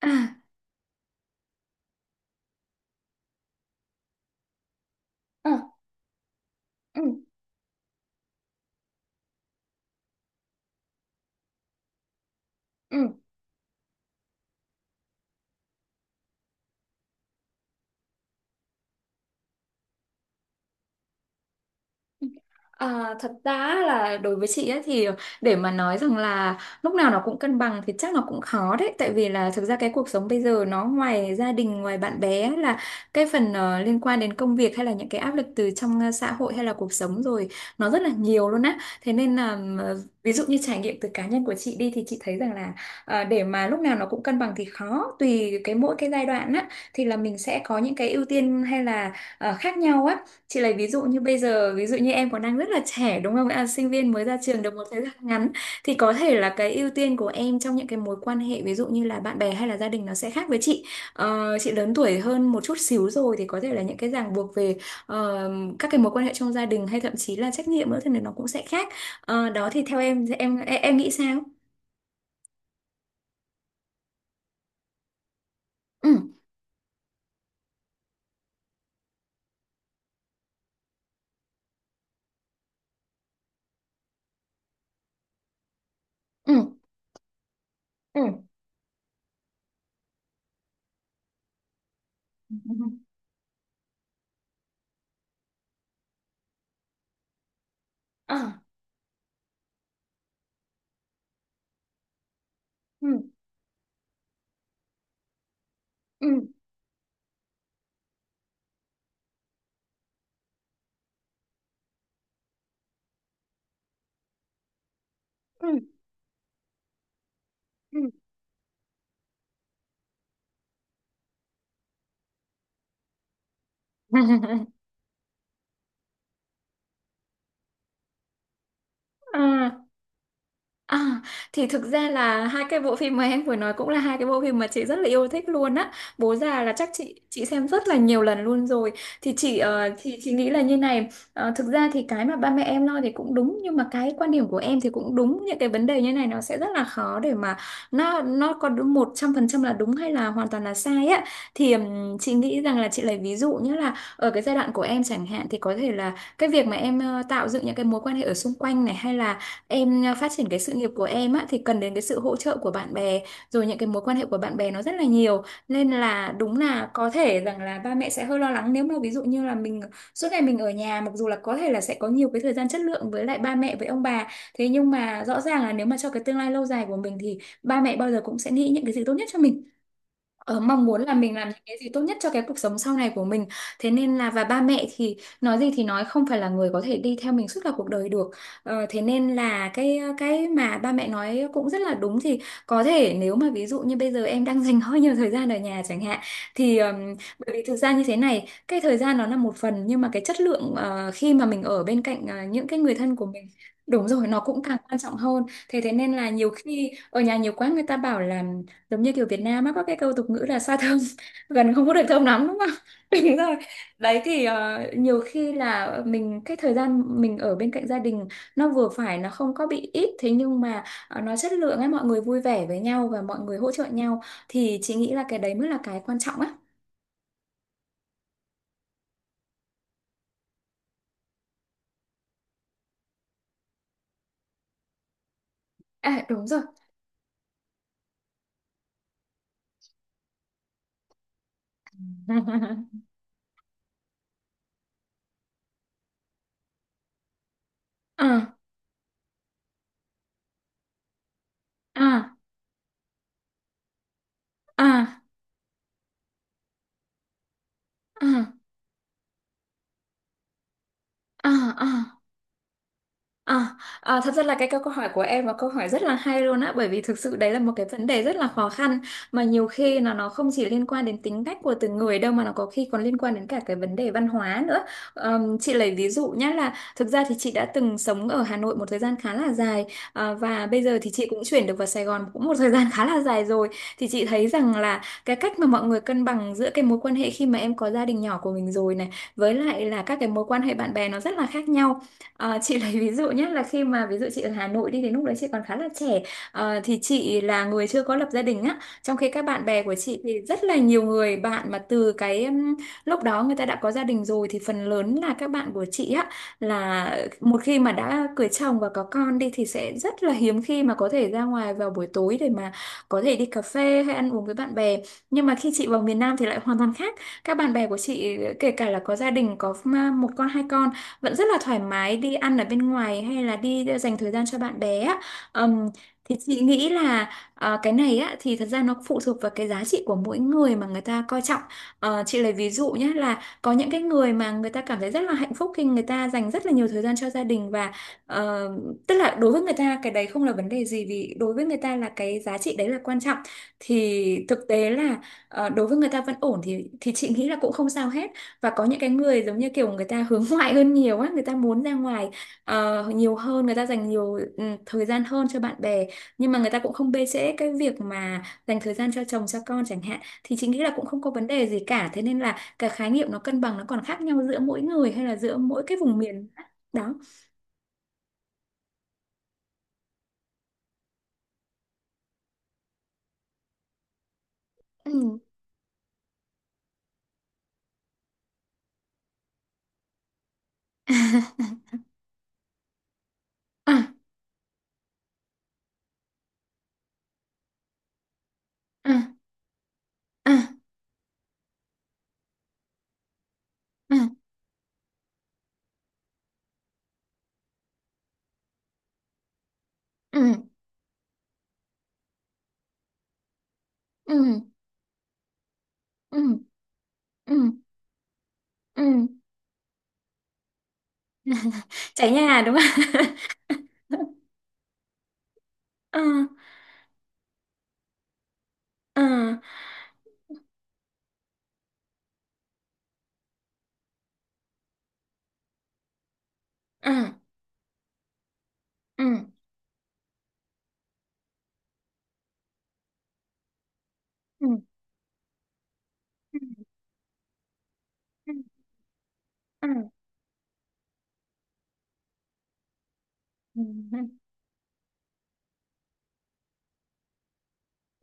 À, ừ, ừ, ừ. À, thật ra là đối với chị ấy thì để mà nói rằng là lúc nào nó cũng cân bằng thì chắc nó cũng khó đấy, tại vì là thực ra cái cuộc sống bây giờ nó ngoài gia đình ngoài bạn bè ấy là cái phần liên quan đến công việc hay là những cái áp lực từ trong xã hội hay là cuộc sống rồi nó rất là nhiều luôn á. Thế nên là ví dụ như trải nghiệm từ cá nhân của chị đi thì chị thấy rằng là để mà lúc nào nó cũng cân bằng thì khó, tùy cái mỗi cái giai đoạn á thì là mình sẽ có những cái ưu tiên hay là khác nhau á. Chị lấy ví dụ như bây giờ, ví dụ như em còn đang rất là trẻ đúng không ạ? Sinh viên mới ra trường được một thời gian ngắn thì có thể là cái ưu tiên của em trong những cái mối quan hệ ví dụ như là bạn bè hay là gia đình nó sẽ khác với chị. Ờ, chị lớn tuổi hơn một chút xíu rồi thì có thể là những cái ràng buộc về ờ, các cái mối quan hệ trong gia đình hay thậm chí là trách nhiệm nữa thì nó cũng sẽ khác. Ờ, đó thì theo em em nghĩ sao? Ừ, ừ, ừ. ừ. Ờ, ừ, ừ, ừ. ừ. À. À, thì thực ra là hai cái bộ phim mà em vừa nói cũng là hai cái bộ phim mà chị rất là yêu thích luôn á. Bố Già là chắc chị xem rất là nhiều lần luôn rồi. Thì chị nghĩ là như này, thực ra thì cái mà ba mẹ em lo thì cũng đúng nhưng mà cái quan điểm của em thì cũng đúng. Những cái vấn đề như này nó sẽ rất là khó để mà nó có đúng 100% là đúng hay là hoàn toàn là sai á. Thì chị nghĩ rằng là chị lấy ví dụ như là ở cái giai đoạn của em chẳng hạn thì có thể là cái việc mà em tạo dựng những cái mối quan hệ ở xung quanh này hay là em phát triển cái sự nghiệp của em á thì cần đến cái sự hỗ trợ của bạn bè, rồi những cái mối quan hệ của bạn bè nó rất là nhiều, nên là đúng là có thể rằng là ba mẹ sẽ hơi lo lắng nếu mà ví dụ như là mình suốt ngày mình ở nhà, mặc dù là có thể là sẽ có nhiều cái thời gian chất lượng với lại ba mẹ với ông bà, thế nhưng mà rõ ràng là nếu mà cho cái tương lai lâu dài của mình thì ba mẹ bao giờ cũng sẽ nghĩ những cái gì tốt nhất cho mình. Ờ, mong muốn là mình làm những cái gì tốt nhất cho cái cuộc sống sau này của mình, thế nên là và ba mẹ thì nói gì thì nói, không phải là người có thể đi theo mình suốt cả cuộc đời được. Thế nên là cái mà ba mẹ nói cũng rất là đúng. Thì có thể nếu mà ví dụ như bây giờ em đang dành hơi nhiều thời gian ở nhà chẳng hạn thì bởi vì thực ra như thế này, cái thời gian nó là một phần nhưng mà cái chất lượng khi mà mình ở bên cạnh những cái người thân của mình đúng rồi nó cũng càng quan trọng hơn. Thế thế nên là nhiều khi ở nhà nhiều quá người ta bảo là giống như kiểu Việt Nam á có cái câu tục ngữ là xa thơm gần không có được thơm lắm, đúng không đúng rồi. Đấy thì nhiều khi là mình cái thời gian mình ở bên cạnh gia đình nó vừa phải, nó không có bị ít, thế nhưng mà nó chất lượng ấy, mọi người vui vẻ với nhau và mọi người hỗ trợ nhau thì chị nghĩ là cái đấy mới là cái quan trọng á. À đúng rồi à à à à à à. À, à, thật ra là cái câu câu hỏi của em là câu hỏi rất là hay luôn á, bởi vì thực sự đấy là một cái vấn đề rất là khó khăn mà nhiều khi là nó không chỉ liên quan đến tính cách của từng người đâu mà nó có khi còn liên quan đến cả cái vấn đề văn hóa nữa. Chị lấy ví dụ nhé, là thực ra thì chị đã từng sống ở Hà Nội một thời gian khá là dài, và bây giờ thì chị cũng chuyển được vào Sài Gòn cũng một thời gian khá là dài rồi thì chị thấy rằng là cái cách mà mọi người cân bằng giữa cái mối quan hệ khi mà em có gia đình nhỏ của mình rồi này với lại là các cái mối quan hệ bạn bè nó rất là khác nhau. Ờ, chị lấy ví dụ nhé là khi mà ví dụ chị ở Hà Nội đi thì lúc đấy chị còn khá là trẻ. Ờ, thì chị là người chưa có lập gia đình á, trong khi các bạn bè của chị thì rất là nhiều người bạn mà từ cái lúc đó người ta đã có gia đình rồi, thì phần lớn là các bạn của chị á là một khi mà đã cưới chồng và có con đi thì sẽ rất là hiếm khi mà có thể ra ngoài vào buổi tối để mà có thể đi cà phê hay ăn uống với bạn bè. Nhưng mà khi chị vào miền Nam thì lại hoàn toàn khác, các bạn bè của chị kể cả là có gia đình có một con hai con vẫn rất là thoải mái đi ăn ở bên ngoài hay là đi dành thời gian cho bạn bè á. Ừm, thì chị nghĩ là cái này á thì thật ra nó phụ thuộc vào cái giá trị của mỗi người mà người ta coi trọng. Ờ, chị lấy ví dụ nhé là có những cái người mà người ta cảm thấy rất là hạnh phúc khi người ta dành rất là nhiều thời gian cho gia đình và ờ, tức là đối với người ta cái đấy không là vấn đề gì, vì đối với người ta là cái giá trị đấy là quan trọng, thì thực tế là đối với người ta vẫn ổn, thì chị nghĩ là cũng không sao hết. Và có những cái người giống như kiểu người ta hướng ngoại hơn nhiều á, người ta muốn ra ngoài nhiều hơn, người ta dành nhiều thời gian hơn cho bạn bè nhưng mà người ta cũng không bê trễ cái việc mà dành thời gian cho chồng cho con chẳng hạn thì chị nghĩ là cũng không có vấn đề gì cả. Thế nên là cái khái niệm nó cân bằng nó còn khác nhau giữa mỗi người hay là giữa mỗi cái vùng miền. Đó. Ừ. à, à, à, à, ừ, ừ, ừ, ừ, ừ. Cháy nhà đúng không? ừ, ừ, ừ, ừ. ừ, ừ, ừ, ừ, ừ, Ừ.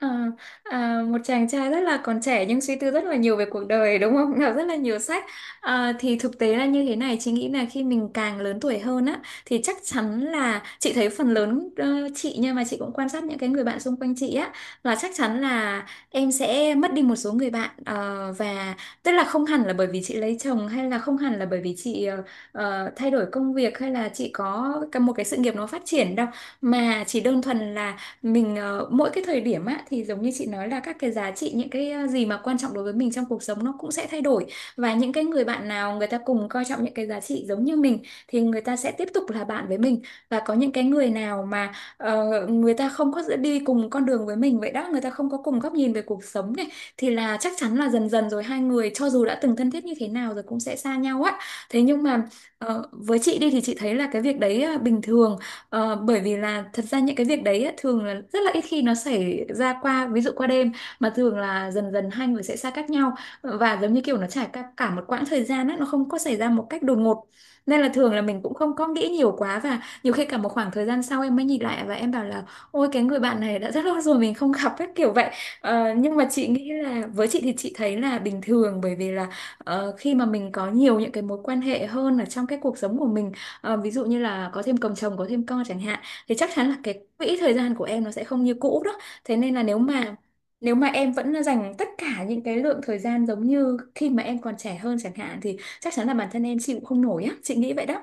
À, à, một chàng trai rất là còn trẻ nhưng suy tư rất là nhiều về cuộc đời đúng không? Đọc rất là nhiều sách. À, thì thực tế là như thế này, chị nghĩ là khi mình càng lớn tuổi hơn á thì chắc chắn là chị thấy phần lớn chị, nhưng mà chị cũng quan sát những cái người bạn xung quanh chị á, là chắc chắn là em sẽ mất đi một số người bạn. Ờ, và tức là không hẳn là bởi vì chị lấy chồng, hay là không hẳn là bởi vì chị thay đổi công việc, hay là chị có cả một cái sự nghiệp nó phát triển đâu, mà chỉ đơn thuần là mình mỗi cái thời điểm á thì giống như chị nói là các cái giá trị, những cái gì mà quan trọng đối với mình trong cuộc sống nó cũng sẽ thay đổi. Và những cái người bạn nào người ta cùng coi trọng những cái giá trị giống như mình thì người ta sẽ tiếp tục là bạn với mình, và có những cái người nào mà người ta không có đi cùng con đường với mình vậy đó, người ta không có cùng góc nhìn về cuộc sống này, thì là chắc chắn là dần dần rồi hai người cho dù đã từng thân thiết như thế nào rồi cũng sẽ xa nhau á. Thế nhưng mà với chị đi thì chị thấy là cái việc đấy bình thường. Bởi vì là thật ra những cái việc đấy á, thường là rất là ít khi nó xảy ra qua, ví dụ qua đêm, mà thường là dần dần hai người sẽ xa cách nhau, và giống như kiểu nó trải cả, cả một quãng thời gian á, nó không có xảy ra một cách đột ngột. Nên là thường là mình cũng không có nghĩ nhiều quá, và nhiều khi cả một khoảng thời gian sau em mới nhìn lại và em bảo là ôi, cái người bạn này đã rất lâu rồi mình không gặp ấy, kiểu vậy. Nhưng mà chị nghĩ là với chị thì chị thấy là bình thường, bởi vì là khi mà mình có nhiều những cái mối quan hệ hơn ở trong cái cuộc sống của mình. Ví dụ như là có thêm chồng, có thêm con chẳng hạn, thì chắc chắn là cái quỹ thời gian của em nó sẽ không như cũ đó. Thế nên là nếu mà em vẫn dành tất cả những cái lượng thời gian giống như khi mà em còn trẻ hơn chẳng hạn, thì chắc chắn là bản thân em chị cũng không nổi á, chị nghĩ vậy đó.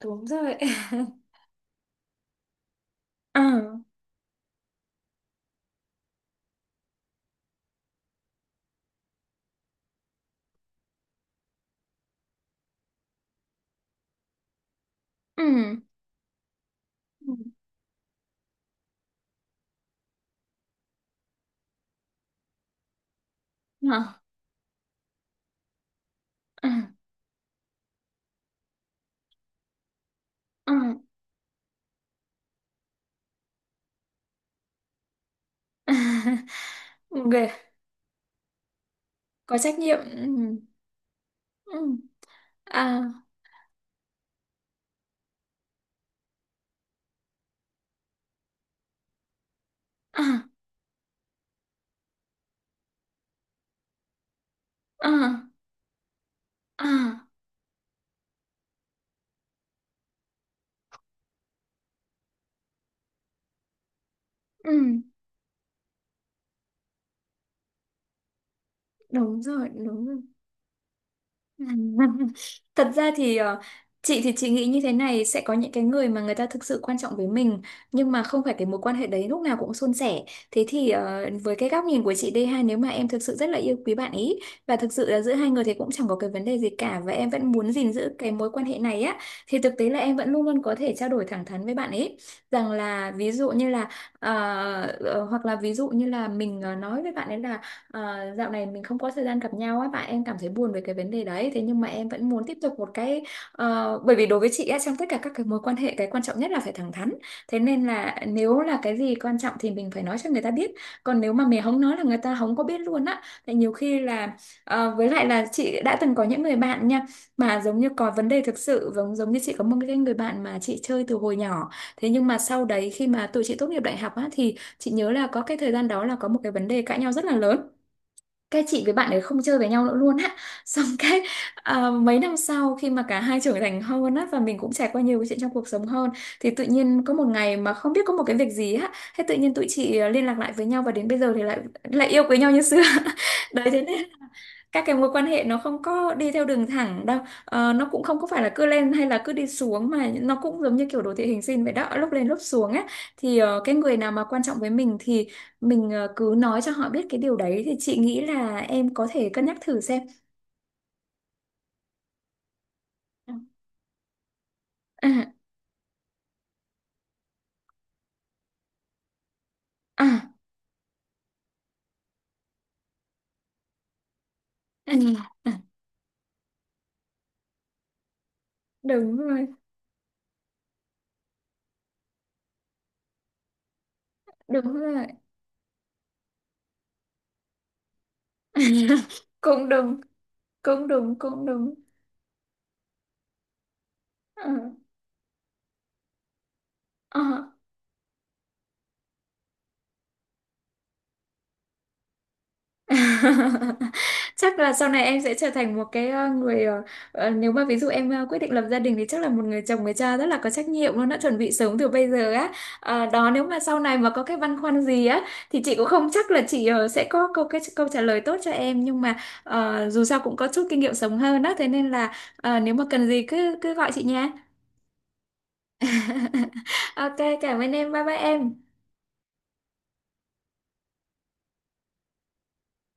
Đúng rồi. Ờ. Ừ. Ừ. Ờ. Ừ. Ừ. Ghê. Có trách nhiệm. Ừ. Ừ. À, à, à, à. Ừ. Đúng rồi, đúng rồi. Thật ra thì chị thì chị nghĩ như thế này, sẽ có những cái người mà người ta thực sự quan trọng với mình, nhưng mà không phải cái mối quan hệ đấy lúc nào cũng suôn sẻ. Thế thì với cái góc nhìn của chị đây ha, nếu mà em thực sự rất là yêu quý bạn ý và thực sự là giữa hai người thì cũng chẳng có cái vấn đề gì cả, và em vẫn muốn gìn giữ cái mối quan hệ này á, thì thực tế là em vẫn luôn luôn có thể trao đổi thẳng thắn với bạn ấy, rằng là ví dụ như là ờ, hoặc là ví dụ như là mình nói với bạn ấy là dạo này mình không có thời gian gặp nhau á, bạn, em cảm thấy buồn về cái vấn đề đấy, thế nhưng mà em vẫn muốn tiếp tục một cái. Bởi vì đối với chị á, trong tất cả các cái mối quan hệ, cái quan trọng nhất là phải thẳng thắn, thế nên là nếu là cái gì quan trọng thì mình phải nói cho người ta biết, còn nếu mà mình không nói là người ta không có biết luôn á, thì nhiều khi là với lại là chị đã từng có những người bạn nha, mà giống như có vấn đề thực sự. Giống giống như chị có một cái người bạn mà chị chơi từ hồi nhỏ, thế nhưng mà sau đấy khi mà tụi chị tốt nghiệp đại học á, thì chị nhớ là có cái thời gian đó là có một cái vấn đề cãi nhau rất là lớn, cái chị với bạn ấy không chơi với nhau nữa luôn á. Xong cái mấy năm sau khi mà cả hai trưởng thành hơn á và mình cũng trải qua nhiều cái chuyện trong cuộc sống hơn, thì tự nhiên có một ngày mà không biết có một cái việc gì á, thế tự nhiên tụi chị liên lạc lại với nhau, và đến bây giờ thì lại lại yêu quý nhau như xưa. Đấy, thế nên các cái mối quan hệ nó không có đi theo đường thẳng đâu. Ờ, nó cũng không có phải là cứ lên hay là cứ đi xuống, mà nó cũng giống như kiểu đồ thị hình sin vậy đó, lúc lên lúc xuống á. Thì cái người nào mà quan trọng với mình thì mình cứ nói cho họ biết cái điều đấy, thì chị nghĩ là em có thể cân nhắc thử xem. À, à, à, à, đúng rồi, đúng rồi. Cũng đúng, cũng đúng, cũng đúng. Ờ, ờ. Chắc là sau này em sẽ trở thành một cái người, nếu mà ví dụ em quyết định lập gia đình thì chắc là một người chồng, người cha rất là có trách nhiệm luôn, đã chuẩn bị sớm từ bây giờ á. Đó, nếu mà sau này mà có cái băn khoăn gì á thì chị cũng không chắc là chị sẽ có câu trả lời tốt cho em, nhưng mà dù sao cũng có chút kinh nghiệm sống hơn đó, thế nên là nếu mà cần gì cứ cứ gọi chị nha. OK, cảm ơn em, bye bye em.